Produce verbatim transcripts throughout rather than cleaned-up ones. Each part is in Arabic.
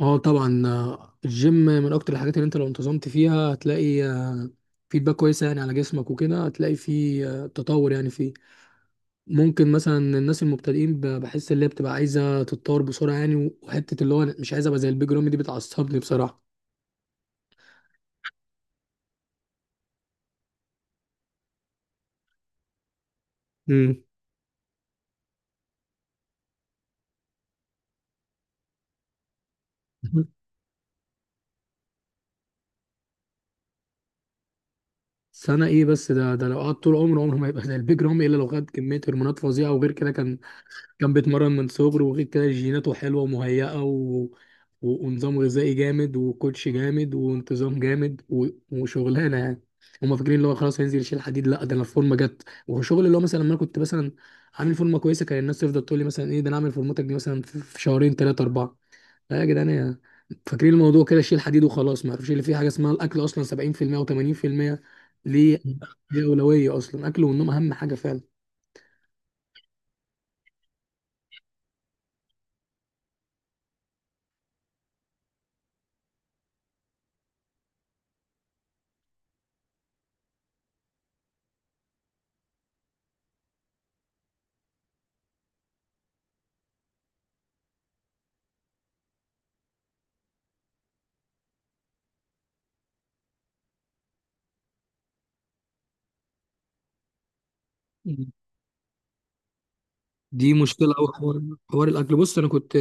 اه طبعا، آه، الجيم من اكتر الحاجات اللي انت لو انتظمت فيها هتلاقي آه، فيدباك كويسه، يعني على جسمك وكده هتلاقي فيه آه، تطور. يعني فيه ممكن مثلا الناس المبتدئين ب- بحس اللي هي بتبقى عايزه تتطور بسرعه، يعني وحته اللي هو أنا مش عايز ابقى زي البيج رامي دي، بتعصبني بصراحه. امم سنه. ايه بس ده ده لو قعد طول عمره، عمره ما يبقى زي البيج رامي، الا لو خد كميه هرمونات فظيعه، وغير كده كان كان بيتمرن من صغره، وغير كده جيناته حلوة ومهيئة و... و... ونظام غذائي جامد وكوتش جامد وانتظام جامد و... وشغلانة يعني. هما فاكرين اللي هو خلاص هينزل يشيل حديد، لا ده انا الفورمة جت وشغل، اللي هو مثلا لما انا كنت مثلا عامل فورمة كويسة كان الناس تفضل تقول لي مثلا: ايه ده، انا عامل فورمتك دي مثلا في في شهرين ثلاثة أربعة لا يا جدعان يا- فاكرين الموضوع كده شيل حديد وخلاص ما يعرفوش اللي فيه حاجة اسمها الأكل أصلا سبعين في المية و80% ليه ليه أولوية أصلا أكل والنوم أهم حاجة فعلا دي مشكله قوي حوار حوار الاكل بص انا كنت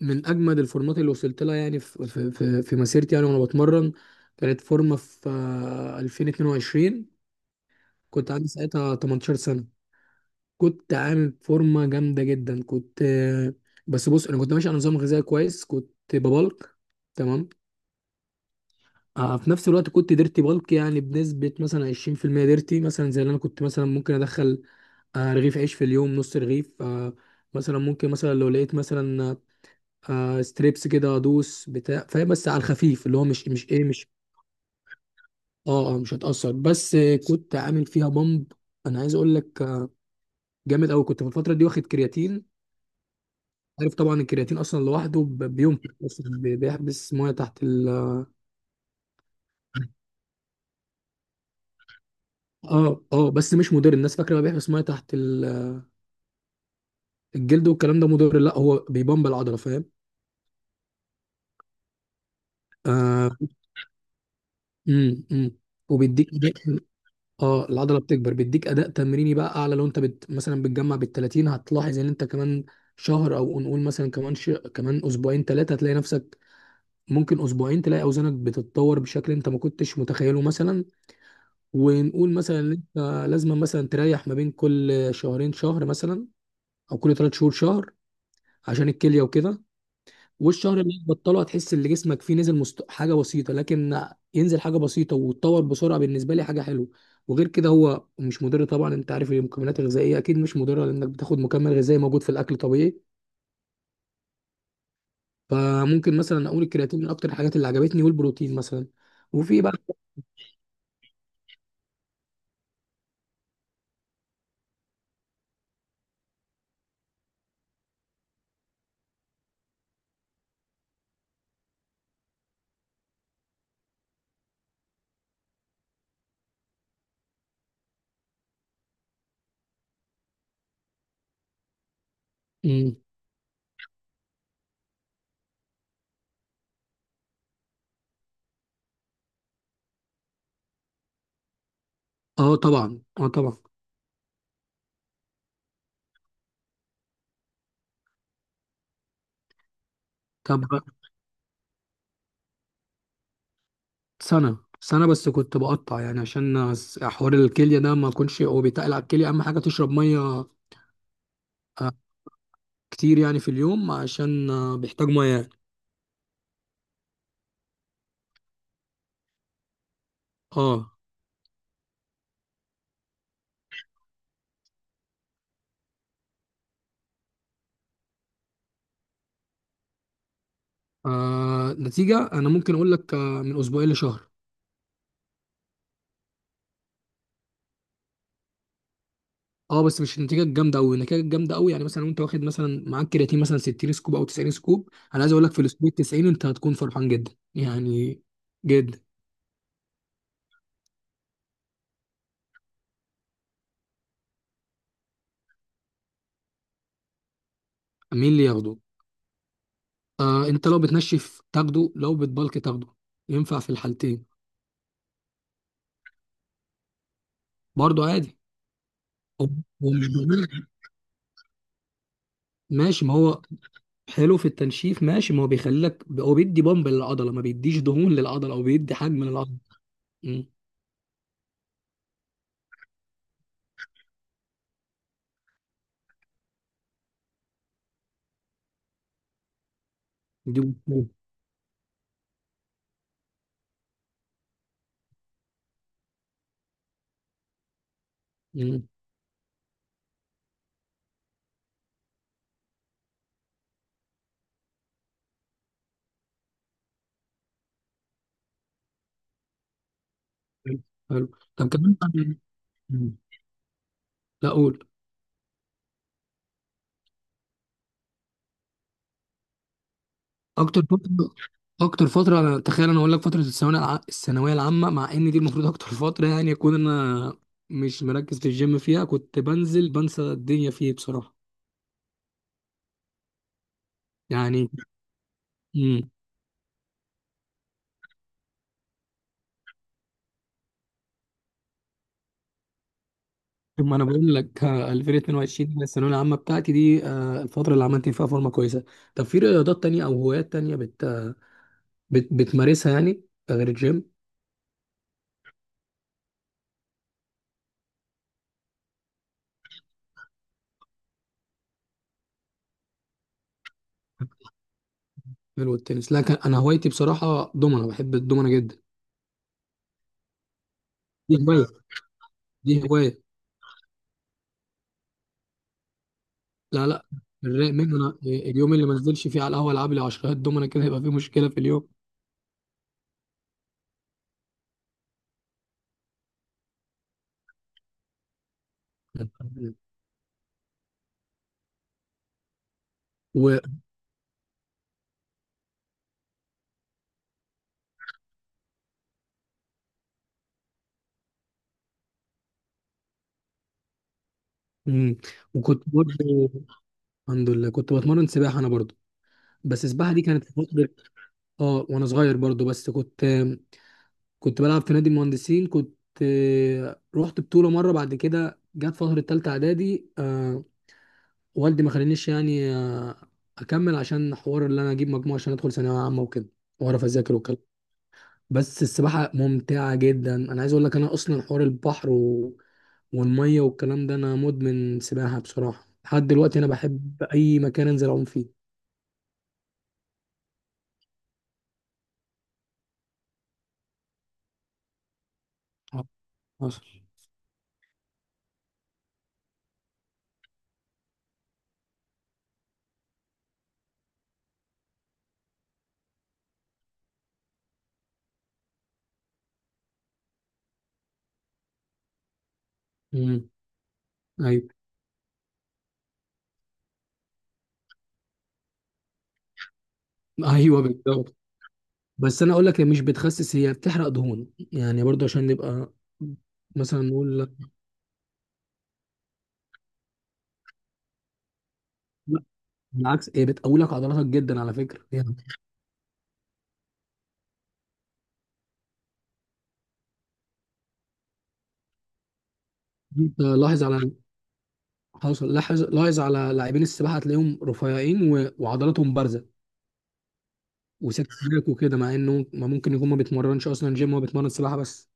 من اجمد الفورمات اللي وصلت لها يعني في في في, في مسيرتي، يعني وانا بتمرن. كانت فورمه في آه، ألفين واتنين وعشرين، كنت عندي ساعتها تمنتاشر سنة سنه، كنت عامل فورمه جامده جدا. كنت آه، بس بص، انا كنت ماشي على نظام غذائي كويس، كنت ببلك. تمام. آه، في نفس الوقت كنت ديرتي بالك، يعني بنسبة مثلا عشرين في المية، ديرتي مثلا زي اللي أنا كنت مثلا ممكن أدخل آه، رغيف عيش في اليوم، نص رغيف آه، مثلا. ممكن مثلا لو لقيت مثلا آه ستريبس كده ادوس، بتاع فاهم، بس على الخفيف، اللي هو مش مش ايه مش اه آه، مش هتأثر. بس آه، كنت عامل فيها بامب. انا عايز اقول لك آه، جامد قوي، كنت في الفترة دي واخد كرياتين. عارف طبعا الكرياتين اصلا لوحده ب- بينفخ أصلاً، بي- بيحبس ميه تحت ال. اه اه، بس مش مضر، الناس فاكره بقى بيحبس ميه تحت ال- الجلد والكلام ده مضر. لا، هو بيبمب العضله، فاهم. آه امم امم وبيديك اه العضله بتكبر، بيديك اداء تمريني بقى اعلى، لو انت بت... مثلا بتجمع بال تلاتين هتلاحظ ان انت كمان شهر، او نقول مثلا كمان ش... كمان اسبوعين ثلاثه هتلاقي نفسك. ممكن اسبوعين تلاقي اوزانك بتتطور بشكل انت ما كنتش متخيله مثلا. ونقول مثلا ان انت لازم مثلا تريح ما بين كل شهرين شهر مثلا، او كل ثلاث شهور شهر، عشان الكليه وكده. والشهر اللي هتبطله هتحس ان جسمك فيه نزل مست... حاجه بسيطه، لكن ينزل حاجه بسيطه وتتطور بسرعه، بالنسبه لي حاجه حلوه. وغير كده هو مش مضر طبعا، انت عارف المكملات الغذائيه اكيد مش مضره، لانك بتاخد مكمل غذائي موجود في الاكل طبيعي. فممكن مثلا اقول الكرياتين من اكتر الحاجات اللي عجبتني، والبروتين مثلا. وفي بقى. مم. اه طبعا، اه طبعا. طب سنه سنه بس كنت بقطع، يعني عشان حوار الكليه ده. ما كنتش، هو بيتقل على الكليه، اهم حاجه تشرب ميه آه، كتير يعني في اليوم، عشان آه، بيحتاج ميه. اه آه، نتيجه انا ممكن اقول لك آه، من اسبوعين لشهر. اه بس مش النتيجه الجامده قوي، النتيجه الجامده قوي يعني مثلا، وانت واخد مثلا معاك كرياتين مثلا 60 سكوب او 90 سكوب، انا عايز اقول لك في الاسبوع تسعين انت هتكون فرحان جدا، يعني جدا. مين اللي ياخده؟ آه انت لو بتنشف تاخده، لو بتبلك تاخده، ينفع في الحالتين. برضه عادي. هو هو مش بيقول- ماشي، ما هو حلو في التنشيف، ماشي، ما هو بيخليك، هو بيدي بامب للعضله، ما بيديش دهون للعضله او بيدي حجم للعضله. مم. دي مم. حلو. حلو. طب كمان أنا- مم. لا اقول. اكتر فتره، اكتر فتره انا تخيل انا اقول لك فتره الثانويه، الع- الثانويه العامه، مع ان دي المفروض اكتر فتره يعني اكون انا مش مركز في الجيم، فيها كنت بنزل بنسى الدنيا فيه بصراحه يعني. امم، ما انا بقول لك آه، ألفين واتنين وعشرين دي الثانويه العامه بتاعتي، دي آه، الفتره اللي عملت فيها فورمه كويسه. طب في رياضات تانية او هوايات تانية بت... بت... بتمارسها يعني غير الجيم؟ غير التنس، لا. كان- انا هوايتي بصراحه دومنه، بحب الدومنه جدا. دي هوايه، دي هوايه. لا لا، الرايق منه انا اليوم اللي ما انزلش فيه على القهوه العب لي 10 دومنا كده، يبقى فيه مشكله في اليوم. و... مم. وكنت برضه، الحمد لله، كنت بتمرن سباحه انا برضه. بس السباحه دي كانت في فتره، اه وانا صغير برضه. بس كنت كنت بلعب في نادي المهندسين، كنت آه، رحت بطوله مره. بعد كده جت فتره تالته اعدادي، آه والدي ما خلانيش يعني آه اكمل، عشان حوار اللي انا اجيب مجموعه عشان ادخل ثانويه عامه وكده واعرف اذاكر وكده. بس السباحة ممتعة جدا، أنا عايز أقول لك أنا أصلا حوار البحر و... والمية والكلام ده، أنا مدمن سباحة بصراحة لحد دلوقتي، أنا بحب أي مكان أنزل أعوم فيه. آه، حصل. امم. أيوه. أيوه بالظبط، بس أنا أقول لك هي مش بتخسس، هي بتحرق دهون، يعني برضه عشان نبقى مثلا نقول لك. لا بالعكس، هي بتقوي لك عضلاتك جدا على فكرة يعني. أنت لاحظ على، حصل، لاحظ لاحظ على لاعبين السباحة هتلاقيهم رفيعين و... وعضلاتهم بارزة، وساكت هناك وكده، مع انه ما ممكن يكون ما بيتمرنش اصلا جيم، هو بيتمرن سباحه بس.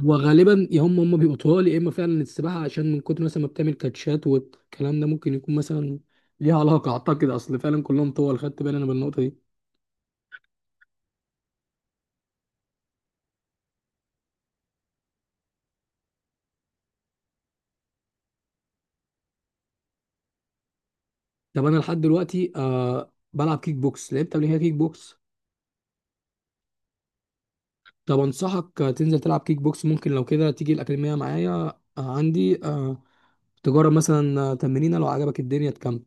هو غالبا يا هم هم بيبقوا طوال، يا اما فعلا السباحه عشان من كتر مثلا ما بتعمل كاتشات والكلام ده، ممكن يكون مثلا ليها علاقه، اعتقد. اصل فعلا كلهم طوال، خدت بالي انا بالنقطه دي. طب انا لحد دلوقتي آه بلعب كيك بوكس، لعبت قبل كده كيك بوكس. طب انصحك آه، تنزل تلعب كيك بوكس، ممكن لو كده تيجي الاكاديميه معايا، آه عندي آه تجرب مثلا آه، تمرينه، لو عجبك الدنيا تكمل.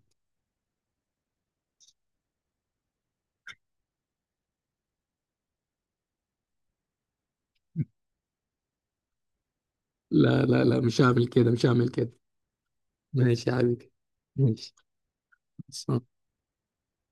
لا لا لا مش هعمل كده، مش هعمل كده. ماشي يا حبيبي. ماشي. بس